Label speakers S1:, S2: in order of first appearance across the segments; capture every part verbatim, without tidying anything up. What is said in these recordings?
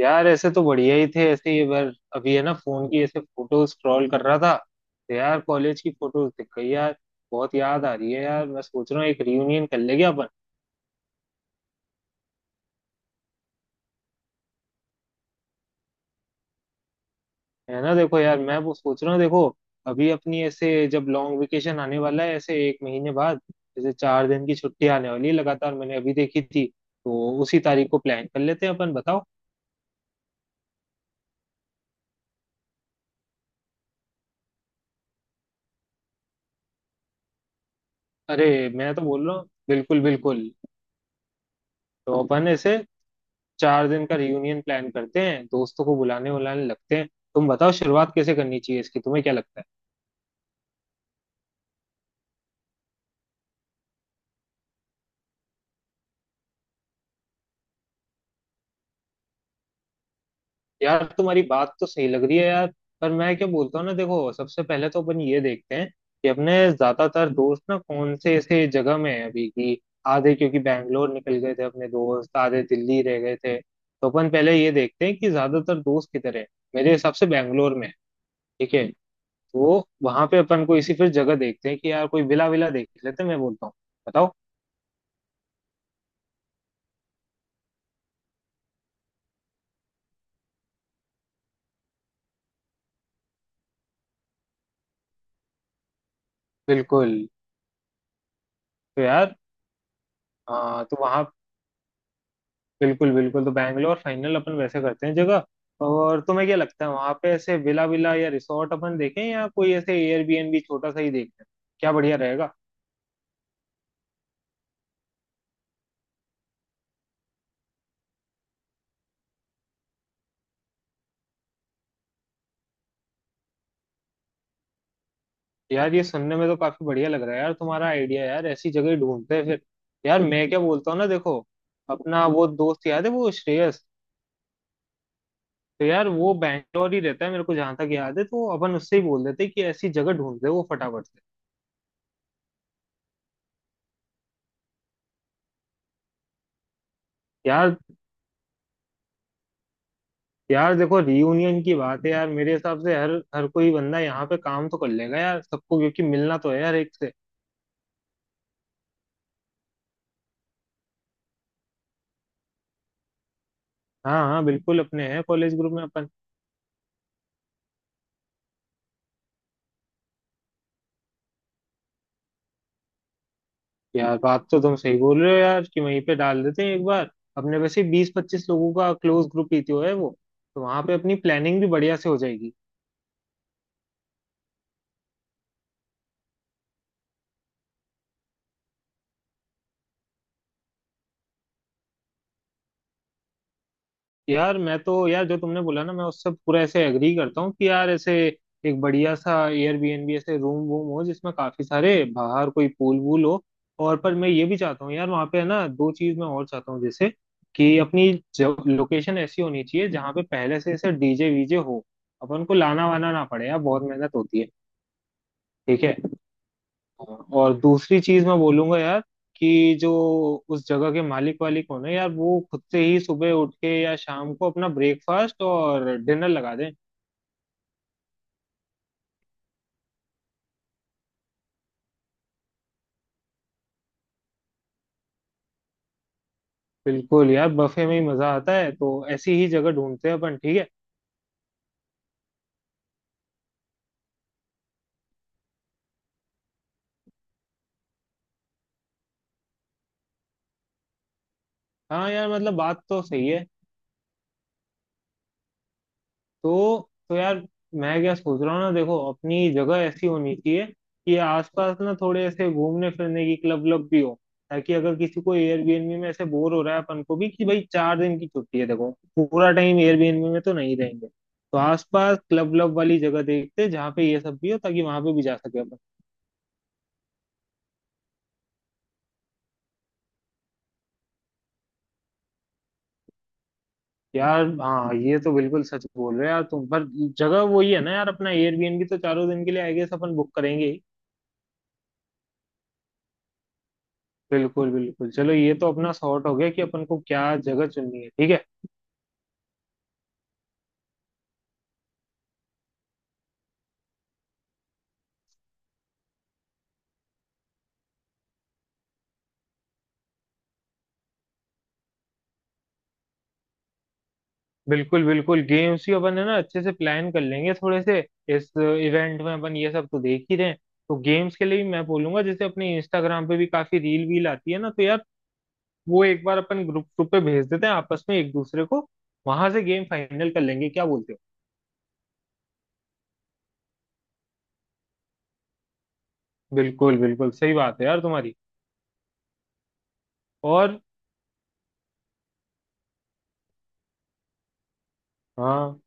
S1: यार ऐसे तो बढ़िया ही थे, ऐसे ही बार अभी है ना, फोन की ऐसे फोटो स्क्रॉल कर रहा था। तो यार कॉलेज की फोटोज दिख गई यार। बहुत याद आ रही है यार, मैं सोच रहा हूँ एक रियूनियन कर लेंगे अपन। है ना? देखो यार, मैं वो सोच रहा हूँ, देखो अभी अपनी ऐसे, जब लॉन्ग वेकेशन आने वाला है ऐसे एक महीने बाद। जैसे चार दिन की छुट्टी आने वाली है लगातार, मैंने अभी देखी थी। तो उसी तारीख को प्लान कर लेते हैं अपन, बताओ। अरे मैं तो बोल रहा हूँ, बिल्कुल बिल्कुल। तो अपन ऐसे चार दिन का रियूनियन प्लान करते हैं, दोस्तों को बुलाने उलाने लगते हैं। तुम बताओ, शुरुआत कैसे करनी चाहिए इसकी, तुम्हें क्या लगता है? यार तुम्हारी बात तो सही लग रही है यार। पर मैं क्या बोलता हूँ, ना देखो, सबसे पहले तो अपन ये देखते हैं, कि अपने ज्यादातर दोस्त ना कौन से ऐसे जगह में है अभी की। आधे क्योंकि बैंगलोर निकल गए थे अपने दोस्त, आधे दिल्ली रह गए थे, तो अपन पहले ये देखते हैं कि ज्यादातर दोस्त किधर है। मेरे हिसाब से बैंगलोर में है, ठीक है। तो वहां पे अपन को इसी फिर जगह देखते हैं, कि यार कोई विला विला देख लेते हैं, मैं बोलता हूँ, बताओ। बिल्कुल। तो यार आ, तो वहाँ बिल्कुल बिल्कुल, तो बैंगलोर फाइनल अपन वैसे करते हैं जगह। और तुम्हें क्या लगता है वहाँ पे ऐसे विला विला या रिसोर्ट अपन देखें, या कोई ऐसे एयरबीएनबी छोटा सा ही देखते हैं, क्या बढ़िया रहेगा? यार ये सुनने में तो काफी बढ़िया लग रहा है यार, तुम्हारा आइडिया यार, ऐसी जगह ही ढूंढते हैं फिर। यार मैं क्या बोलता हूँ, ना देखो, अपना वो दोस्त याद है वो, श्रेयस। तो यार वो बैंगलोर ही रहता है मेरे को जहाँ तक याद है, तो अपन उससे ही बोल देते हैं कि ऐसी जगह ढूंढते हैं वो फटाफट से। यार। यार देखो रीयूनियन की बात है यार, मेरे हिसाब से हर हर कोई बंदा यहाँ पे काम तो कर लेगा यार, सबको क्योंकि मिलना तो है यार एक से। हाँ हाँ बिल्कुल, अपने हैं कॉलेज ग्रुप में अपन। यार बात तो तुम सही बोल रहे हो यार, कि वहीं पे डाल देते हैं एक बार। अपने वैसे बीस पच्चीस लोगों का क्लोज ग्रुप ही तो है वो। तो वहां पे अपनी प्लानिंग भी बढ़िया से हो जाएगी। यार मैं तो यार, जो तुमने बोला ना, मैं उससे पूरा ऐसे एग्री करता हूँ कि यार ऐसे एक बढ़िया सा एयरबीएनबी, ऐसे रूम वूम हो जिसमें काफी सारे, बाहर कोई पूल वूल हो। और पर मैं ये भी चाहता हूँ यार, वहाँ पे है ना, दो चीज मैं और चाहता हूँ, जैसे कि अपनी लोकेशन ऐसी होनी चाहिए जहाँ पे पहले से ऐसे डीजे वीजे हो। अपन को लाना वाना ना पड़े यार, बहुत मेहनत होती है। ठीक है। हाँ, और दूसरी चीज मैं बोलूंगा यार, कि जो उस जगह के मालिक वालिक हो ना यार, वो खुद से ही सुबह उठ के या शाम को अपना ब्रेकफास्ट और डिनर लगा दें। बिल्कुल यार, बफे में ही मजा आता है, तो ऐसी ही जगह ढूंढते हैं अपन, ठीक है। हाँ यार मतलब बात तो सही है। तो तो यार, मैं क्या सोच रहा हूँ, ना देखो, अपनी जगह ऐसी होनी चाहिए कि आसपास ना थोड़े ऐसे घूमने फिरने की क्लब व्लब भी हो। ताकि अगर किसी को एयरबीएनबी में ऐसे बोर हो रहा है, अपन को भी, कि भाई चार दिन की छुट्टी है देखो। पूरा टाइम एयरबीएनबी में तो नहीं रहेंगे, तो आसपास क्लब व्लब वाली जगह देखते हैं, जहाँ पे ये सब भी हो ताकि वहां पे भी जा सके अपन। यार हाँ ये तो बिल्कुल सच बोल रहे हो यार तुम, पर जगह वही है ना यार, अपना एयरबीएनबी तो चारों दिन के लिए आई गेस अपन बुक करेंगे ही। बिल्कुल बिल्कुल, चलो ये तो अपना सॉर्ट हो गया, कि अपन को क्या जगह चुननी है, ठीक है। बिल्कुल बिल्कुल, गेम्स ही अपन है ना अच्छे से प्लान कर लेंगे थोड़े से। इस इवेंट में अपन ये सब तो देख ही रहे हैं। तो गेम्स के लिए भी मैं बोलूंगा, जैसे अपने इंस्टाग्राम पे भी काफी रील वील आती है ना, तो यार वो एक बार अपन ग्रुप ग्रुप पे भेज देते हैं, आपस में एक दूसरे को। वहां से गेम फाइनल कर लेंगे, क्या बोलते हो? बिल्कुल बिल्कुल सही बात है यार तुम्हारी। और हाँ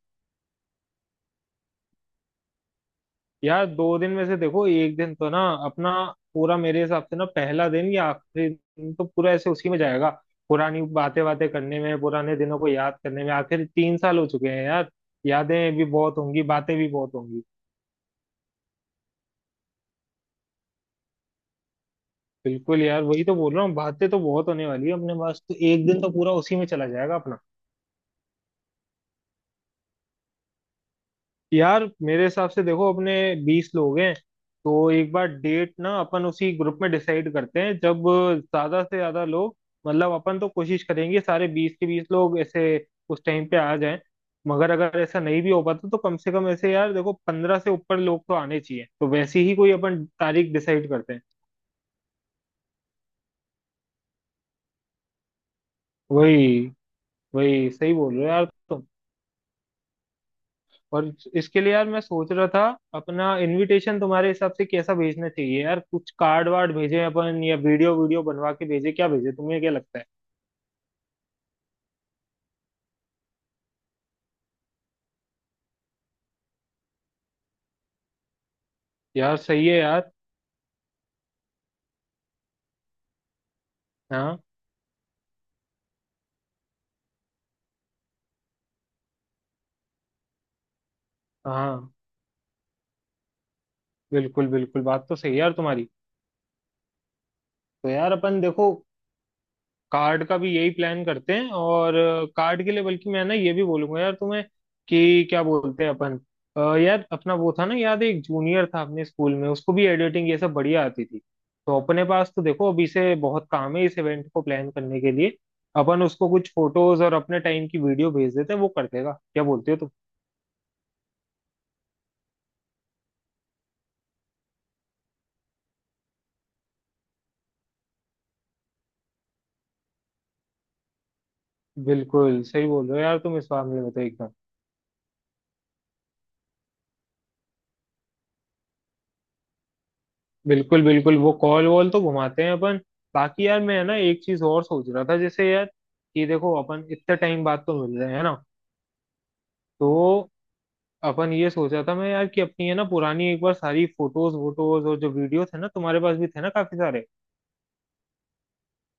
S1: यार, दो दिन में से देखो एक दिन तो ना अपना पूरा, मेरे हिसाब से ना पहला दिन या आखिरी दिन तो पूरा ऐसे उसी में जाएगा। पुरानी बातें बातें करने में, पुराने दिनों को याद करने में, आखिर तीन साल हो चुके हैं यार। यादें भी बहुत होंगी, बातें भी बहुत होंगी। बिल्कुल यार, वही तो बोल रहा हूँ, बातें तो बहुत होने वाली है अपने पास, तो एक दिन तो पूरा उसी में चला जाएगा अपना। यार मेरे हिसाब से देखो, अपने बीस लोग हैं। तो एक बार डेट ना अपन उसी ग्रुप में डिसाइड करते हैं, जब ज्यादा से ज्यादा लोग, मतलब अपन तो कोशिश करेंगे सारे बीस के बीस लोग ऐसे उस टाइम पे आ जाएं। मगर अगर ऐसा नहीं भी हो पाता, तो कम से कम ऐसे यार देखो पंद्रह से ऊपर लोग तो आने चाहिए, तो वैसी ही कोई अपन तारीख डिसाइड करते हैं। वही वही सही बोल रहे हो यार तुम। और इसके लिए यार मैं सोच रहा था, अपना इनविटेशन तुम्हारे हिसाब से कैसा भेजना चाहिए यार, कुछ कार्ड वार्ड भेजे अपन, या वीडियो वीडियो बनवा के भेजे, क्या भेजे, तुम्हें क्या लगता है? यार सही है यार। हाँ हाँ बिल्कुल बिल्कुल, बात तो सही है यार तुम्हारी। तो यार अपन देखो, कार्ड का भी यही प्लान करते हैं, और कार्ड के लिए बल्कि मैं ना ये भी बोलूंगा यार तुम्हें, कि क्या बोलते हैं अपन, अ, यार अपना वो था ना, याद है, एक जूनियर था अपने स्कूल में, उसको भी एडिटिंग ये सब बढ़िया आती थी। तो अपने पास तो देखो, अभी से बहुत काम है इस इवेंट को प्लान करने के लिए। अपन उसको कुछ फोटोज और अपने टाइम की वीडियो भेज देते हैं, वो कर देगा, क्या बोलते हो तुम? बिल्कुल सही बोल रहे हो यार तुम इस मामले में तो, एकदम। बिल्कुल बिल्कुल, वो कॉल वॉल तो घुमाते हैं अपन। बाकी यार मैं, है ना, एक चीज और सोच रहा था, जैसे यार, कि देखो अपन इतने टाइम बाद तो मिल रहे हैं ना। तो अपन ये सोचा था मैं यार, कि अपनी है ना पुरानी, एक बार सारी फोटोज वोटोज और जो वीडियो थे ना, तुम्हारे पास भी थे ना काफी सारे।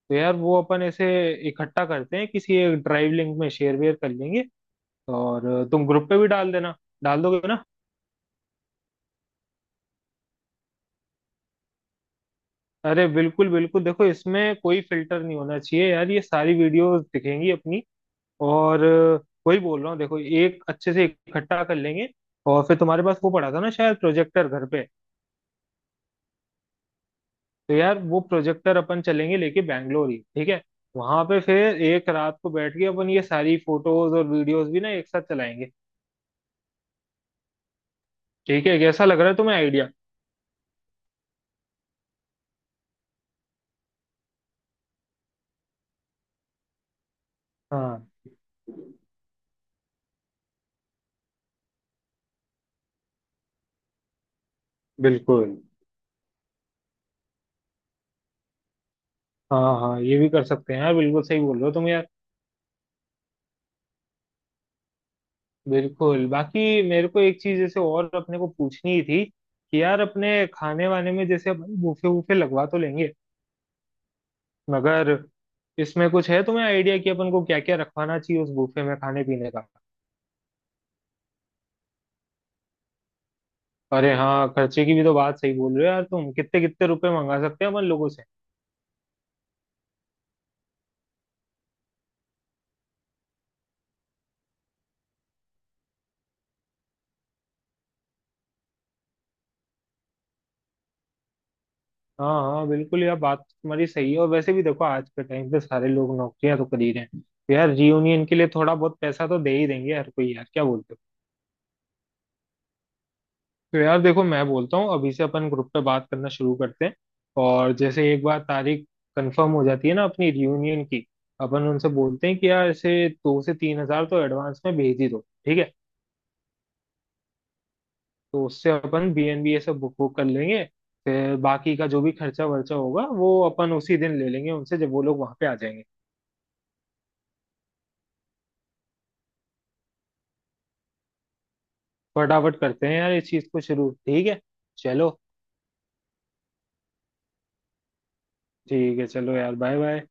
S1: तो यार वो अपन ऐसे इकट्ठा करते हैं किसी एक ड्राइव लिंक में, शेयर वेयर कर लेंगे। और तुम ग्रुप पे भी डाल देना, डाल दोगे ना? अरे बिल्कुल बिल्कुल, देखो इसमें कोई फिल्टर नहीं होना चाहिए यार, ये सारी वीडियोस दिखेंगी अपनी। और अ, वही बोल रहा हूँ देखो, एक अच्छे से इकट्ठा कर लेंगे। और फिर तुम्हारे पास वो पड़ा था ना शायद, प्रोजेक्टर घर पे। तो यार वो प्रोजेक्टर अपन चलेंगे लेके बैंगलोर ही, ठीक है। वहां पे फिर एक रात को बैठ के अपन ये सारी फोटोज और वीडियोस भी ना एक साथ चलाएंगे। ठीक है, कैसा लग रहा है तुम्हें आइडिया? हाँ बिल्कुल। हाँ हाँ, ये भी कर सकते हैं यार, बिल्कुल सही बोल रहे हो तुम यार। बिल्कुल, बाकी मेरे को एक चीज जैसे और अपने को पूछनी ही थी, कि यार अपने खाने वाने में, जैसे अपन बूफे वूफे लगवा तो लेंगे, मगर इसमें कुछ है तुम्हें आइडिया कि अपन को क्या क्या रखवाना चाहिए उस बुफे में खाने पीने का? अरे हाँ, खर्चे की भी तो बात सही बोल रहे हो यार तुम, कितने कितने रुपए मंगा सकते हैं अपन लोगों से? हाँ हाँ बिल्कुल यार, बात तो तुम्हारी सही है, और वैसे भी देखो आज के टाइम पे सारे लोग नौकरियां तो कर ही रहे हैं, तो यार रियूनियन के लिए थोड़ा बहुत पैसा तो दे ही देंगे हर कोई यार, क्या बोलते हो? तो यार देखो, मैं बोलता हूँ अभी से अपन ग्रुप पे बात करना शुरू करते हैं। और जैसे एक बार तारीख कंफर्म हो जाती है ना अपनी रियूनियन की, अपन उनसे बोलते हैं कि यार ऐसे दो से तीन हजार तो एडवांस में भेज ही दो, ठीक है। तो उससे अपन बी एन बी ये सब बुक बुक कर लेंगे। फिर बाकी का जो भी खर्चा वर्चा होगा, वो अपन उसी दिन ले लेंगे उनसे, जब वो लोग वहां पे आ जाएंगे। फटाफट करते हैं यार इस चीज को शुरू, ठीक है। चलो। ठीक है चलो यार, बाय बाय।